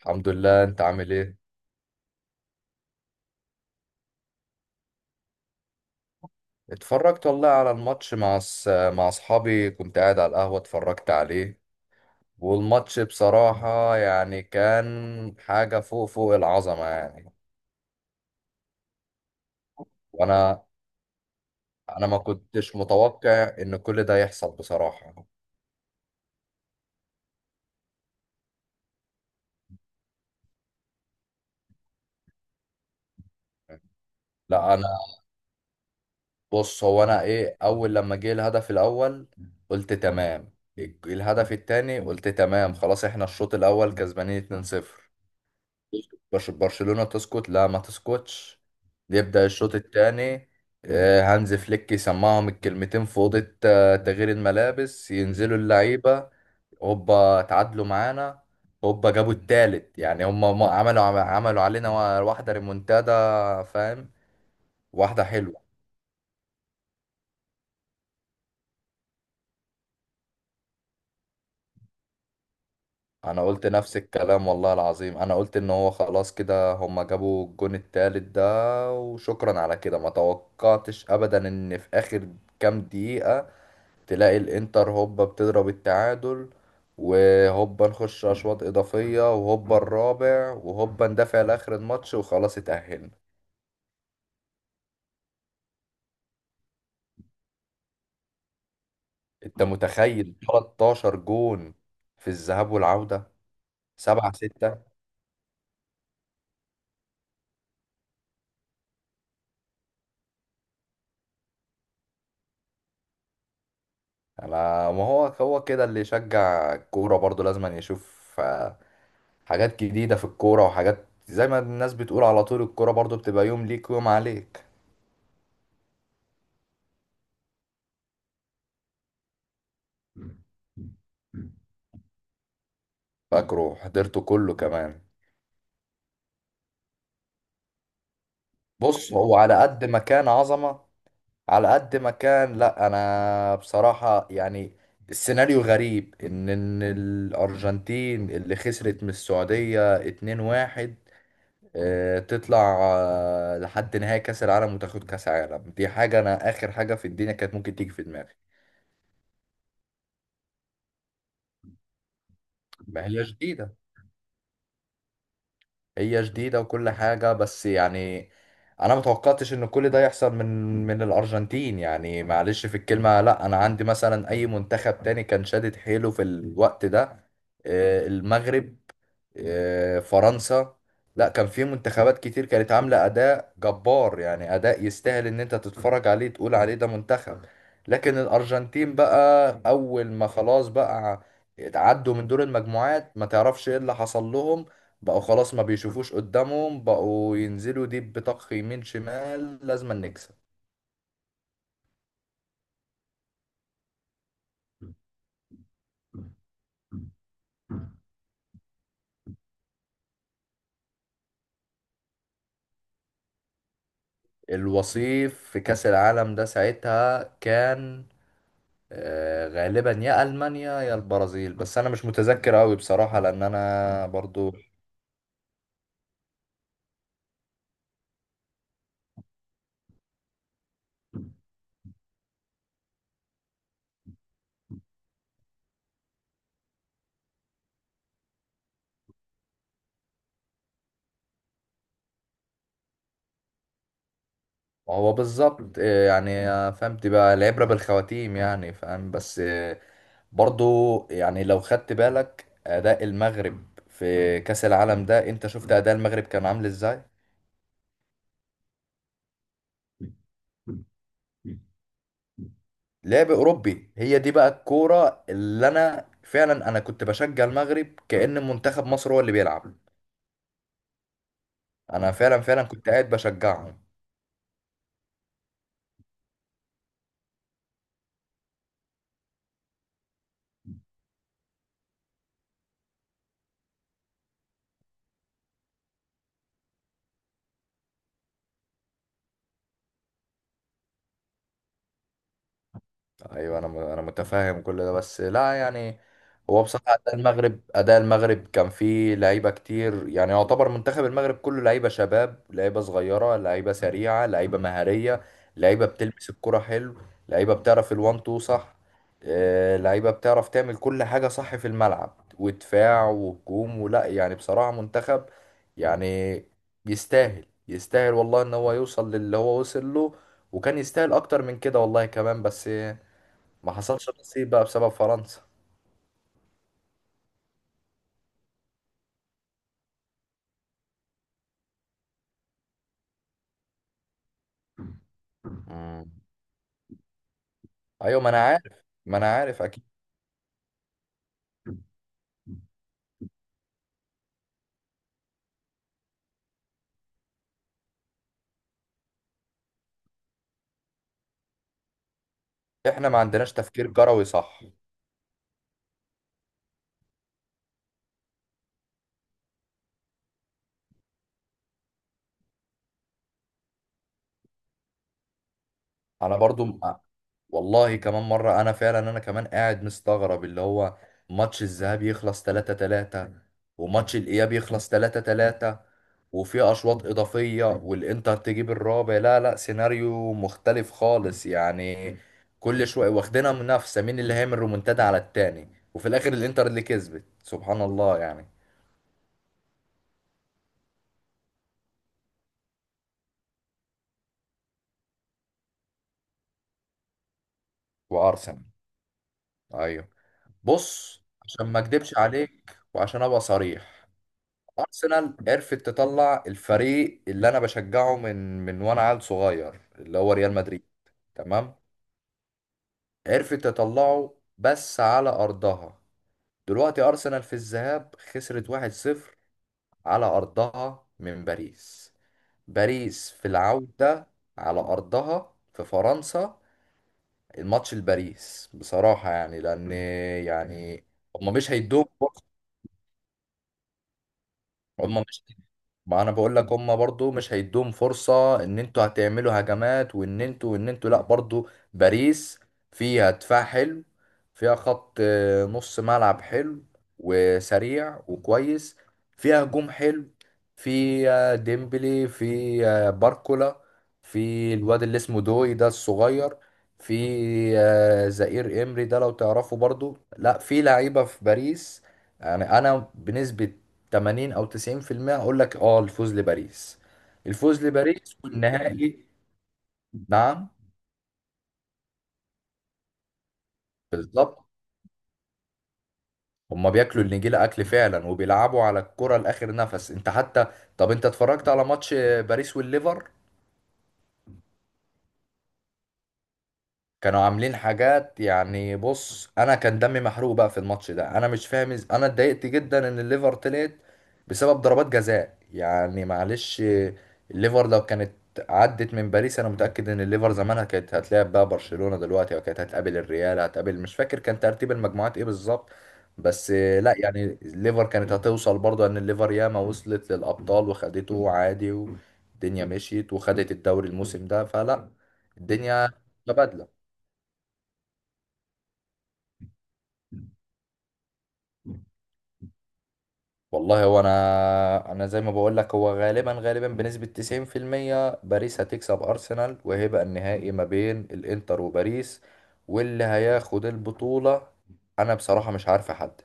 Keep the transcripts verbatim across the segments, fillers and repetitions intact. الحمد لله، انت عامل ايه؟ اتفرجت والله على الماتش مع س... مع اصحابي كنت قاعد على القهوة اتفرجت عليه. والماتش بصراحة يعني كان حاجة فوق فوق العظمة يعني. وانا انا ما كنتش متوقع ان كل ده يحصل بصراحة. لا انا، بص، هو انا ايه، اول لما جه الهدف الاول قلت تمام. الهدف التاني قلت تمام، خلاص احنا الشوط الاول كسبانين اتنين صفر. برش- برشلونة تسكت؟ لا ما تسكتش. يبدأ الشوط الثاني، هانز فليك يسمعهم الكلمتين في أوضة آه، تغيير الملابس، ينزلوا اللعيبة. هوبا تعادلوا معانا، هوبا جابوا التالت. يعني هم ما- عملوا عملوا علينا وا- واحدة ريمونتادا، فاهم؟ واحدة حلوة. أنا قلت نفس الكلام والله العظيم، أنا قلت إن هو خلاص كده، هم جابوا الجون التالت ده وشكرا على كده. ما توقعتش أبدا إن في آخر كام دقيقة تلاقي الانتر هوبا بتضرب التعادل، وهوبا نخش اشواط اضافيه، وهوبا الرابع، وهوبا ندافع لاخر الماتش وخلاص اتاهلنا. انت متخيل ثلاثة عشر جون في الذهاب والعوده؟ سبعة ستة. انا، ما هو هو كده اللي يشجع الكوره برضه، لازم أن يشوف آه، حاجات جديده في الكوره، وحاجات زي ما الناس بتقول، على طول الكوره برضه بتبقى يوم ليك ويوم عليك. فاكره، حضرته كله كمان. بص، هو على قد ما كان عظمة، على قد ما كان، لا انا بصراحة يعني السيناريو غريب، ان ان الارجنتين اللي خسرت من السعودية اتنين واحد آه، تطلع آه، لحد نهائي كاس العالم وتاخد كاس عالم، دي حاجة انا اخر حاجة في الدنيا كانت ممكن تيجي في دماغي. ما هي جديدة، هي جديدة وكل حاجة، بس يعني أنا متوقعتش إن كل ده يحصل من من الأرجنتين. يعني معلش في الكلمة، لأ، أنا عندي مثلا أي منتخب تاني كان شادد حيله في الوقت ده، آه، المغرب، آه، فرنسا. لا، كان في منتخبات كتير كانت عاملة أداء جبار، يعني أداء يستاهل إن أنت تتفرج عليه تقول عليه ده منتخب. لكن الأرجنتين بقى، أول ما خلاص بقى عدوا من دور المجموعات ما تعرفش إيه اللي حصل لهم، بقوا خلاص ما بيشوفوش قدامهم، بقوا ينزلوا ديب بطخ يمين شمال لازم نكسب. الوصيف في كأس العالم ده ساعتها كان آه، غالبا يا المانيا يا البرازيل، بس انا مش متذكر قوي بصراحه لان انا برضو. ما هو بالظبط آه، يعني آه، فهمت بقى، العبره بالخواتيم يعني، فاهم؟ بس آه، برضو يعني لو خدت بالك اداء المغرب في كاس العالم ده، انت شفت اداء المغرب كان عامل ازاي. لعب اوروبي، هي دي بقى الكوره اللي انا فعلا انا كنت بشجع المغرب كأن منتخب مصر هو اللي بيلعب. انا فعلا فعلا كنت قاعد بشجعهم. ايوه انا م- انا متفاهم كل ده، بس لا يعني. هو بصراحه اداء المغرب، اداء المغرب كان فيه لعيبه كتير، يعني يعتبر منتخب المغرب كله لعيبه شباب، لعيبه صغيره، لعيبه سريعه، لعيبه مهاريه، لعيبه بتلمس الكره حلو، لعيبه بتعرف الوان تو صح، آه، لعيبه بتعرف تعمل كل حاجه صح في الملعب، ودفاع وهجوم. ولا يعني بصراحه منتخب يعني يستاهل، يستاهل والله ان هو يوصل للي هو وصل له، وكان يستاهل اكتر من كده والله كمان، بس ما حصلش نصيب بقى بسبب فرنسا. مم. ايوه، ما انا عارف، ما انا عارف اكيد. احنا ما عندناش تفكير كروي، صح. انا برضو م- والله كمان مره انا فعلا، انا كمان قاعد مستغرب اللي هو ماتش الذهاب يخلص تلاتة تلاتة، وماتش الاياب يخلص تلاتة تلاتة، وفي اشواط اضافيه والانتر تجيب الرابع. لا لا، سيناريو مختلف خالص يعني، كل شويه واخدينها منافسه مين اللي هيعمل رومونتادا على التاني، وفي الاخر الانتر اللي كسبت، سبحان الله يعني. وارسنال، ايوه. بص، عشان ما اكدبش عليك وعشان ابقى صريح، ارسنال عرفت تطلع الفريق اللي انا بشجعه من من وانا عيل صغير، اللي هو ريال مدريد. تمام، عرفت تطلعه بس على ارضها. دلوقتي ارسنال في الذهاب خسرت واحد صفر على ارضها من باريس، باريس في العودة على ارضها في فرنسا، الماتش لباريس بصراحة يعني، لان يعني هما مش هيدوهم فرصة. هما مش ما انا بقول لك، هما برضو مش هيدوهم فرصة ان انتوا هتعملوا هجمات، وان انتوا وان انتوا لا برضو. باريس فيها دفاع حلو، فيها خط آه، نص ملعب حلو وسريع وكويس، فيها هجوم حلو، في آه، ديمبلي، في آه، باركولا، في الواد اللي اسمه دوي ده الصغير، في آه، زائير امري ده لو تعرفه برضو. لا، في لعيبة في باريس، يعني انا بنسبة تمانين او تسعين في المية اقول لك اه الفوز لباريس. الفوز لباريس والنهائي، نعم. بالظبط، هما بياكلوا النجيلة اكل فعلا وبيلعبوا على الكرة لاخر نفس. انت حتى طب، انت اتفرجت على ماتش باريس والليفر؟ كانوا عاملين حاجات يعني. بص، انا كان دمي محروق بقى في الماتش ده، انا مش فاهم إز... انا اتضايقت جدا ان الليفر طلعت بسبب ضربات جزاء، يعني معلش. الليفر لو كانت عدت من باريس، انا متأكد ان الليفر زمانها كانت هتلاعب بقى برشلونة دلوقتي، او كانت هتقابل الريال، هتقابل مش فاكر كان ترتيب المجموعات ايه بالظبط. بس لا يعني الليفر كانت هتوصل برضه، ان الليفر ياما وصلت للابطال وخدته عادي، والدنيا مشيت وخدت الدوري الموسم ده، فلا، الدنيا متبادلة. والله هو انا، انا زي ما بقول لك، هو غالبا غالبا بنسبة تسعين في المية باريس هتكسب ارسنال، وهيبقى النهائي ما بين الانتر وباريس. واللي هياخد البطولة انا بصراحة مش عارف احدد،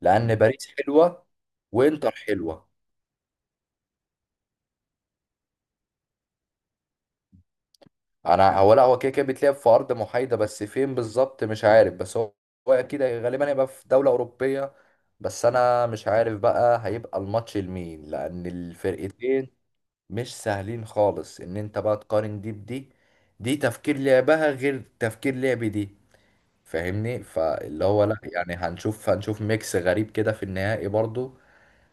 لان مم. باريس حلوة وانتر حلوة. انا هو، لا هو كده كده بيتلعب في ارض محايدة، بس فين بالظبط مش عارف، بس هو، هو اكيد غالبا هيبقى في دولة اوروبية. بس انا مش عارف بقى هيبقى الماتش لمين، لان الفرقتين مش سهلين خالص ان انت بقى تقارن دي بدي، دي تفكير لعبها غير تفكير لعب دي، فاهمني؟ فاللي هو لا يعني، هنشوف، هنشوف ميكس غريب كده في النهائي برضو،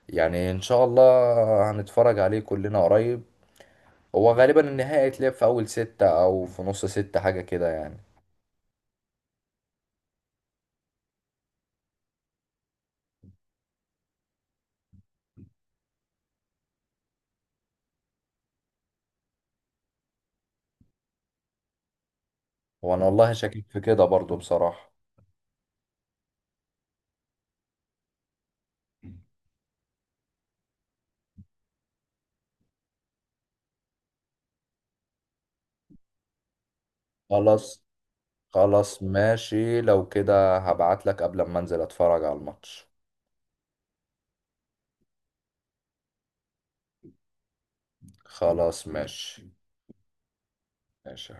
يعني ان شاء الله هنتفرج عليه كلنا قريب. هو غالبا النهائي اتلعب في اول ستة او في نص ستة، حاجة كده يعني. وانا والله شاكك في كده برضو بصراحة. خلاص. خلاص ماشي، لو كده هبعت لك قبل ما انزل اتفرج على الماتش. خلاص ماشي. ماشي.